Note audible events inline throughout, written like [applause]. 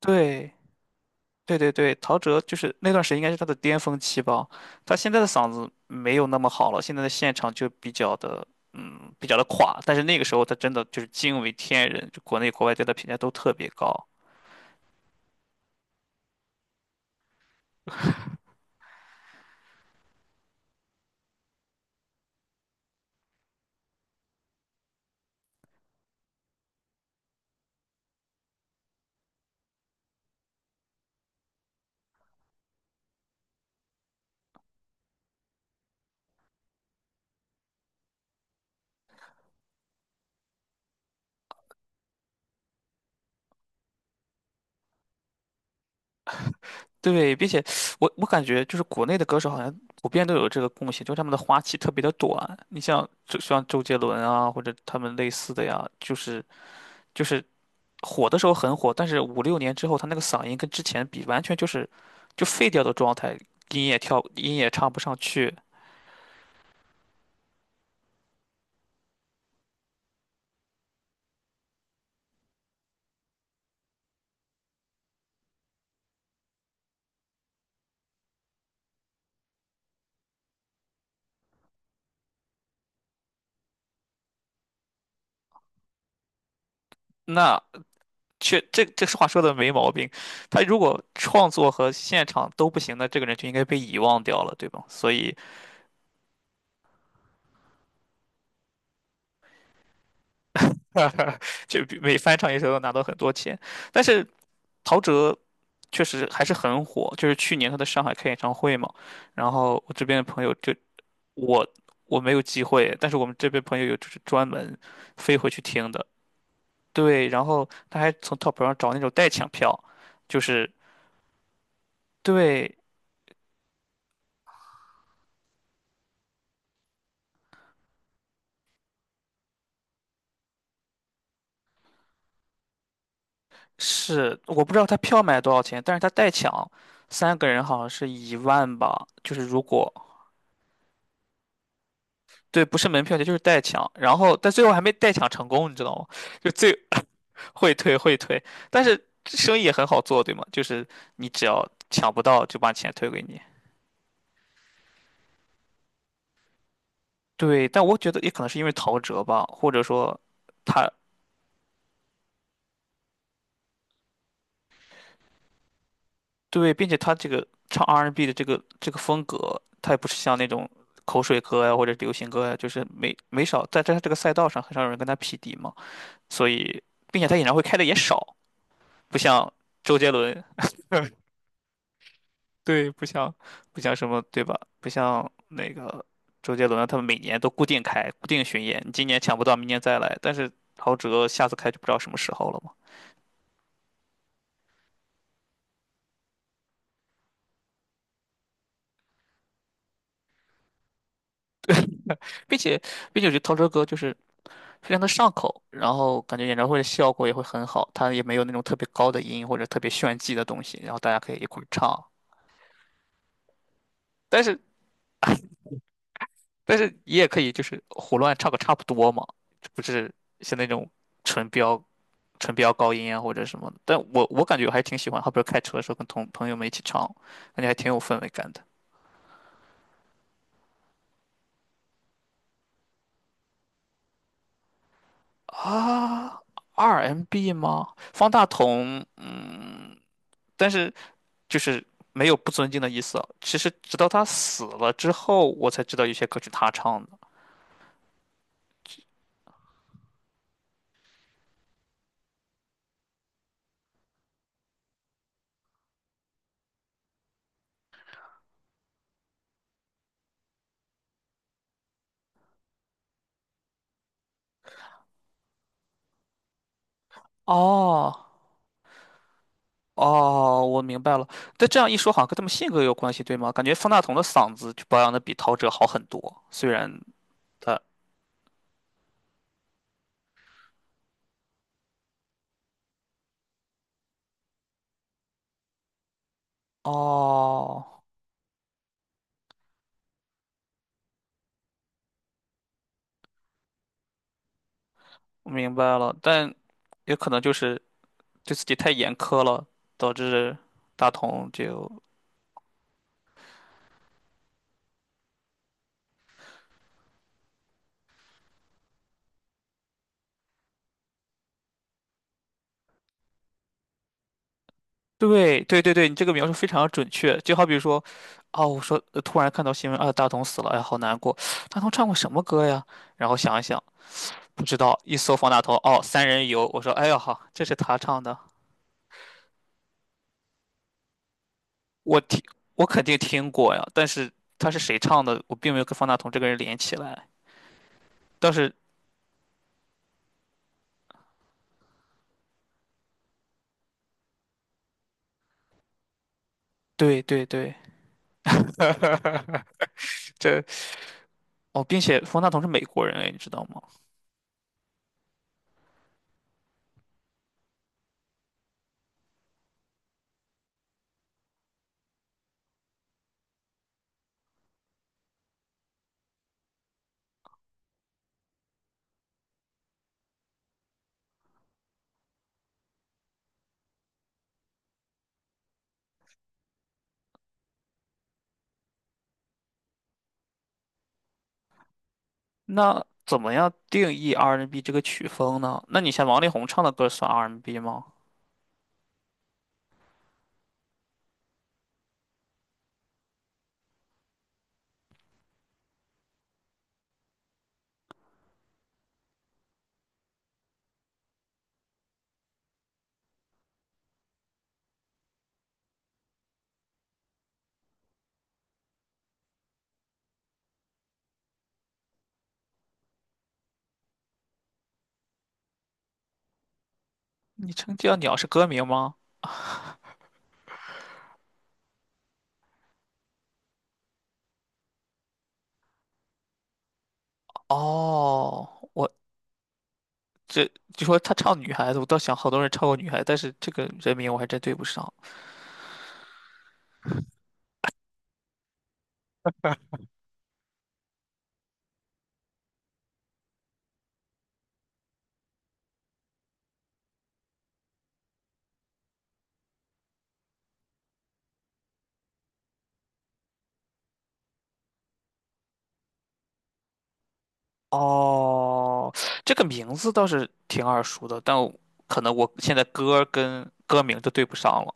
对，对对对，陶喆就是那段时间应该是他的巅峰期吧。他现在的嗓子没有那么好了，现在的现场就比较的，比较的垮。但是那个时候他真的就是惊为天人，就国内国外对他评价都特别高。对，并且我感觉就是国内的歌手好像普遍都有这个共性，就是他们的花期特别的短。你像就像周杰伦啊，或者他们类似的呀，就是火的时候很火，但是5、6年之后，他那个嗓音跟之前比，完全就是就废掉的状态，音也跳，音也唱不上去。那这话说的没毛病，他如果创作和现场都不行，那这个人就应该被遗忘掉了，对吧？所以 [laughs] 就比每翻唱一首都拿到很多钱，但是陶喆确实还是很火，就是去年他在上海开演唱会嘛，然后我这边的朋友就我我没有机会，但是我们这边朋友有就是专门飞回去听的，对，然后他还从淘宝上找那种代抢票，就是对，是我不知道他票卖多少钱，但是他代抢，3个人好像是1万吧，就是如果对，不是门票钱就是代抢，然后但最后还没代抢成功，你知道吗？就最会退会退，但是生意也很好做，对吗？就是你只要抢不到就把钱退给你。对，但我觉得也可能是因为陶喆吧，或者说他对，并且他这个唱 R&B n 的这个风格，他也不是像那种口水歌呀或者流行歌呀，就是没少在他这个赛道上很少有人跟他匹敌嘛，所以并且他演唱会开的也少，不像周杰伦，对，不像什么对吧？不像那个周杰伦啊，他们每年都固定开固定巡演，你今年抢不到，明年再来，但是陶喆下次开就不知道什么时候了嘛。并且并且我觉得陶喆歌就是非常的上口，然后感觉演唱会的效果也会很好，他也没有那种特别高的音或者特别炫技的东西，然后大家可以一块儿唱，但是但是你也可以就是胡乱唱个差不多嘛，不是像那种纯飙纯飙高音啊或者什么的，但我感觉我还挺喜欢，好比如开车的时候跟同朋友们一起唱，感觉还挺有氛围感的啊。R&B 吗？方大同，但是。就是没有不尊敬的意思。其实直到他死了之后，我才知道有些歌曲他唱的。哦哦，我明白了。但这样一说，好像跟他们性格有关系，对吗？感觉方大同的嗓子就保养的比陶喆好很多，虽然他……哦，我明白了，但也可能就是对自己太严苛了，导致大同就对对对对，你这个描述非常准确。就好比说，哦，我说突然看到新闻啊，大同死了，哎，好难过。大同唱过什么歌呀？然后想一想，不知道。一搜方大同，哦，《三人游》，我说，哎呀哈，这是他唱的，我听，我肯定听过呀。但是他是谁唱的，我并没有跟方大同这个人连起来。但是，对对对，[laughs] 这哦，并且方大同是美国人，哎，你知道吗？那怎么样定义 R&B n 这个曲风呢？那你像王力宏唱的歌算 R&B n 吗？你称叫鸟是歌名吗？哦，我这就说他唱女孩子，我倒想好多人唱过女孩子，但是这个人名我还真对不上。哦，这个名字倒是挺耳熟的，但我可能我现在歌跟歌名都对不上了。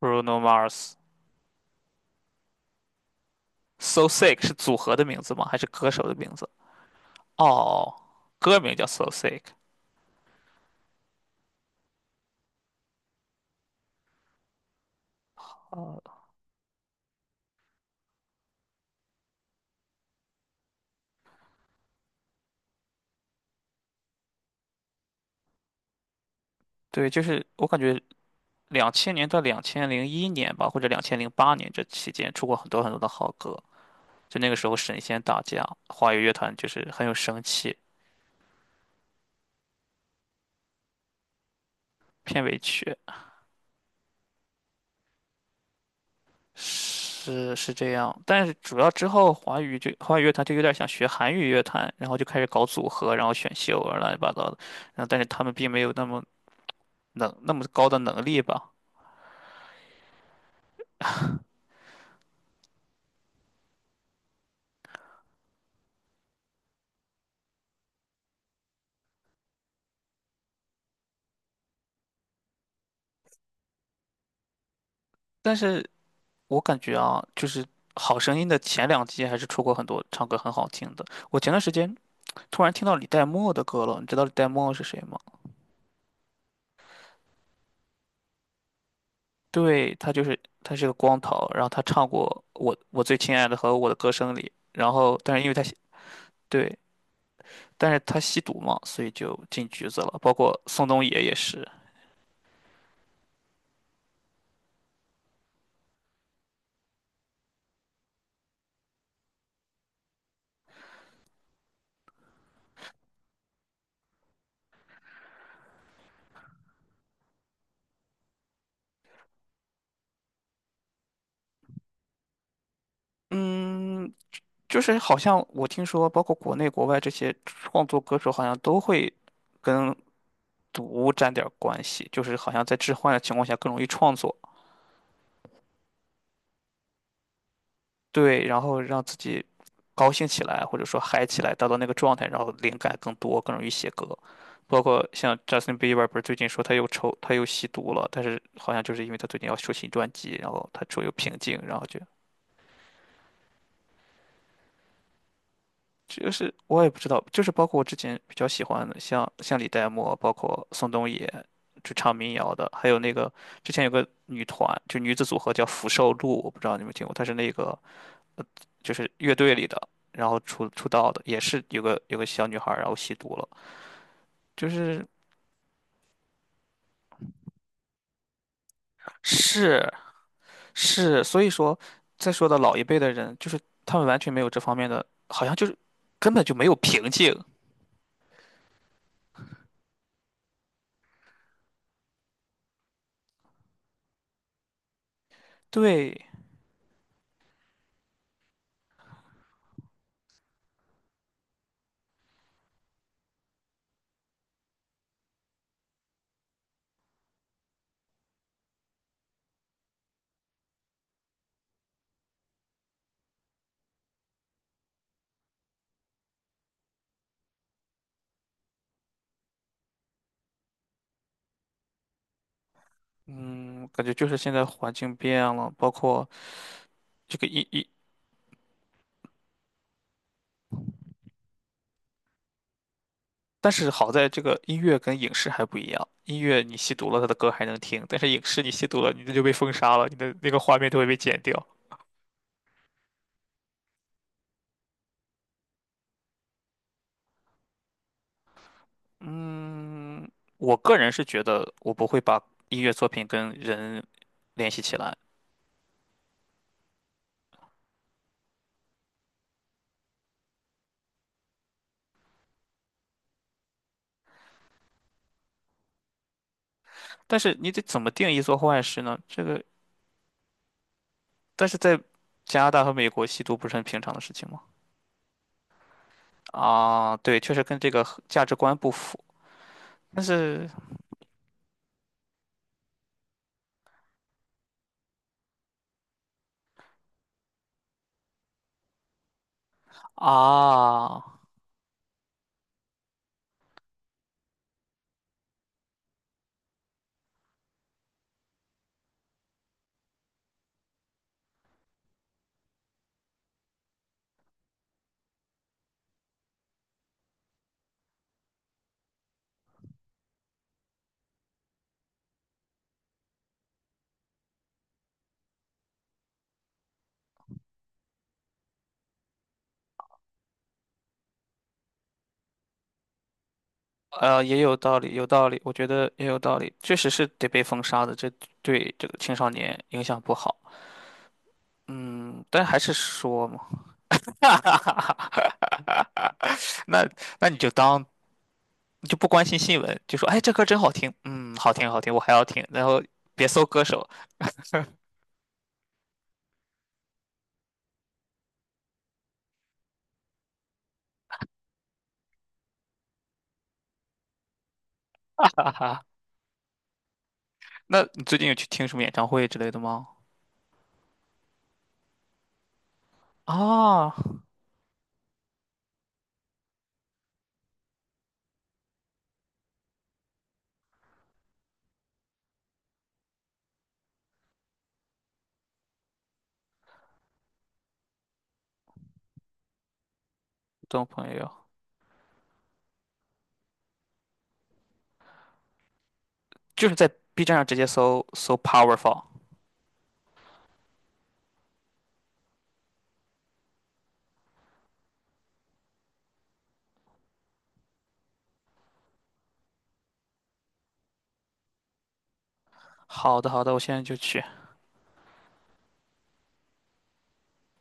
Bruno Mars So Sick 是组合的名字吗？还是歌手的名字？哦，歌名叫 So Sick。哦，对，就是我感觉2000年到2001年吧，或者2008年这期间出过很多很多的好歌。就那个时候神仙打架，华语乐团就是很有生气，片尾曲是这样，但是主要之后华语乐团就有点想学韩语乐团，然后就开始搞组合，然后选秀啊乱七八糟的，然后但是他们并没有那么那么高的能力吧，但是我感觉啊，就是好声音的前两季还是出过很多唱歌很好听的，我前段时间突然听到李代沫的歌了，你知道李代沫是谁吗？对，他是个光头，然后他唱过我最亲爱的和我的歌声里，然后但是因为对，但是他吸毒嘛，所以就进局子了，包括宋冬野也是，嗯，就是好像我听说，包括国内国外这些创作歌手好像都会跟毒沾点儿关系，就是好像在致幻的情况下更容易创作，对，然后让自己高兴起来，或者说嗨起来，达到那个状态，然后灵感更多，更容易写歌。包括像 Justin Bieber 不是最近说他又吸毒了，但是好像就是因为他最近要出新专辑，然后他处又平静，然后就是我也不知道，就是包括我之前比较喜欢的，像李代沫，包括宋冬野，就唱民谣的，还有那个之前有个女团，就女子组合叫福寿露，我不知道你们听过，她是那个就是乐队里的，然后出道的，也是有个小女孩儿，然后吸毒了，就是是是，所以说再说的老一辈的人，就是他们完全没有这方面的，好像就是根本就没有瓶颈。对，嗯，感觉就是现在环境变了，包括这个但是好在这个音乐跟影视还不一样，音乐你吸毒了，他的歌还能听，但是影视你吸毒了，你的就被封杀了，你的那个画面都会被剪掉。嗯，我个人是觉得我不会把音乐作品跟人联系起来，但是你得怎么定义做坏事呢？这个，但是在加拿大和美国，吸毒不是很平常的事情吗？啊，对，确实跟这个价值观不符，但是啊，也有道理，有道理，我觉得也有道理，确实是得被封杀的，这对这个青少年影响不好。嗯，但还是说嘛，[laughs] 那那你就当就不关心新闻，就说哎这歌真好听，好听好听，我还要听，然后别搜歌手。[laughs] 那你最近有去听什么演唱会之类的吗？啊，懂朋友，就是在 B 站上直接搜搜 Powerful。好的好的，我现在就去。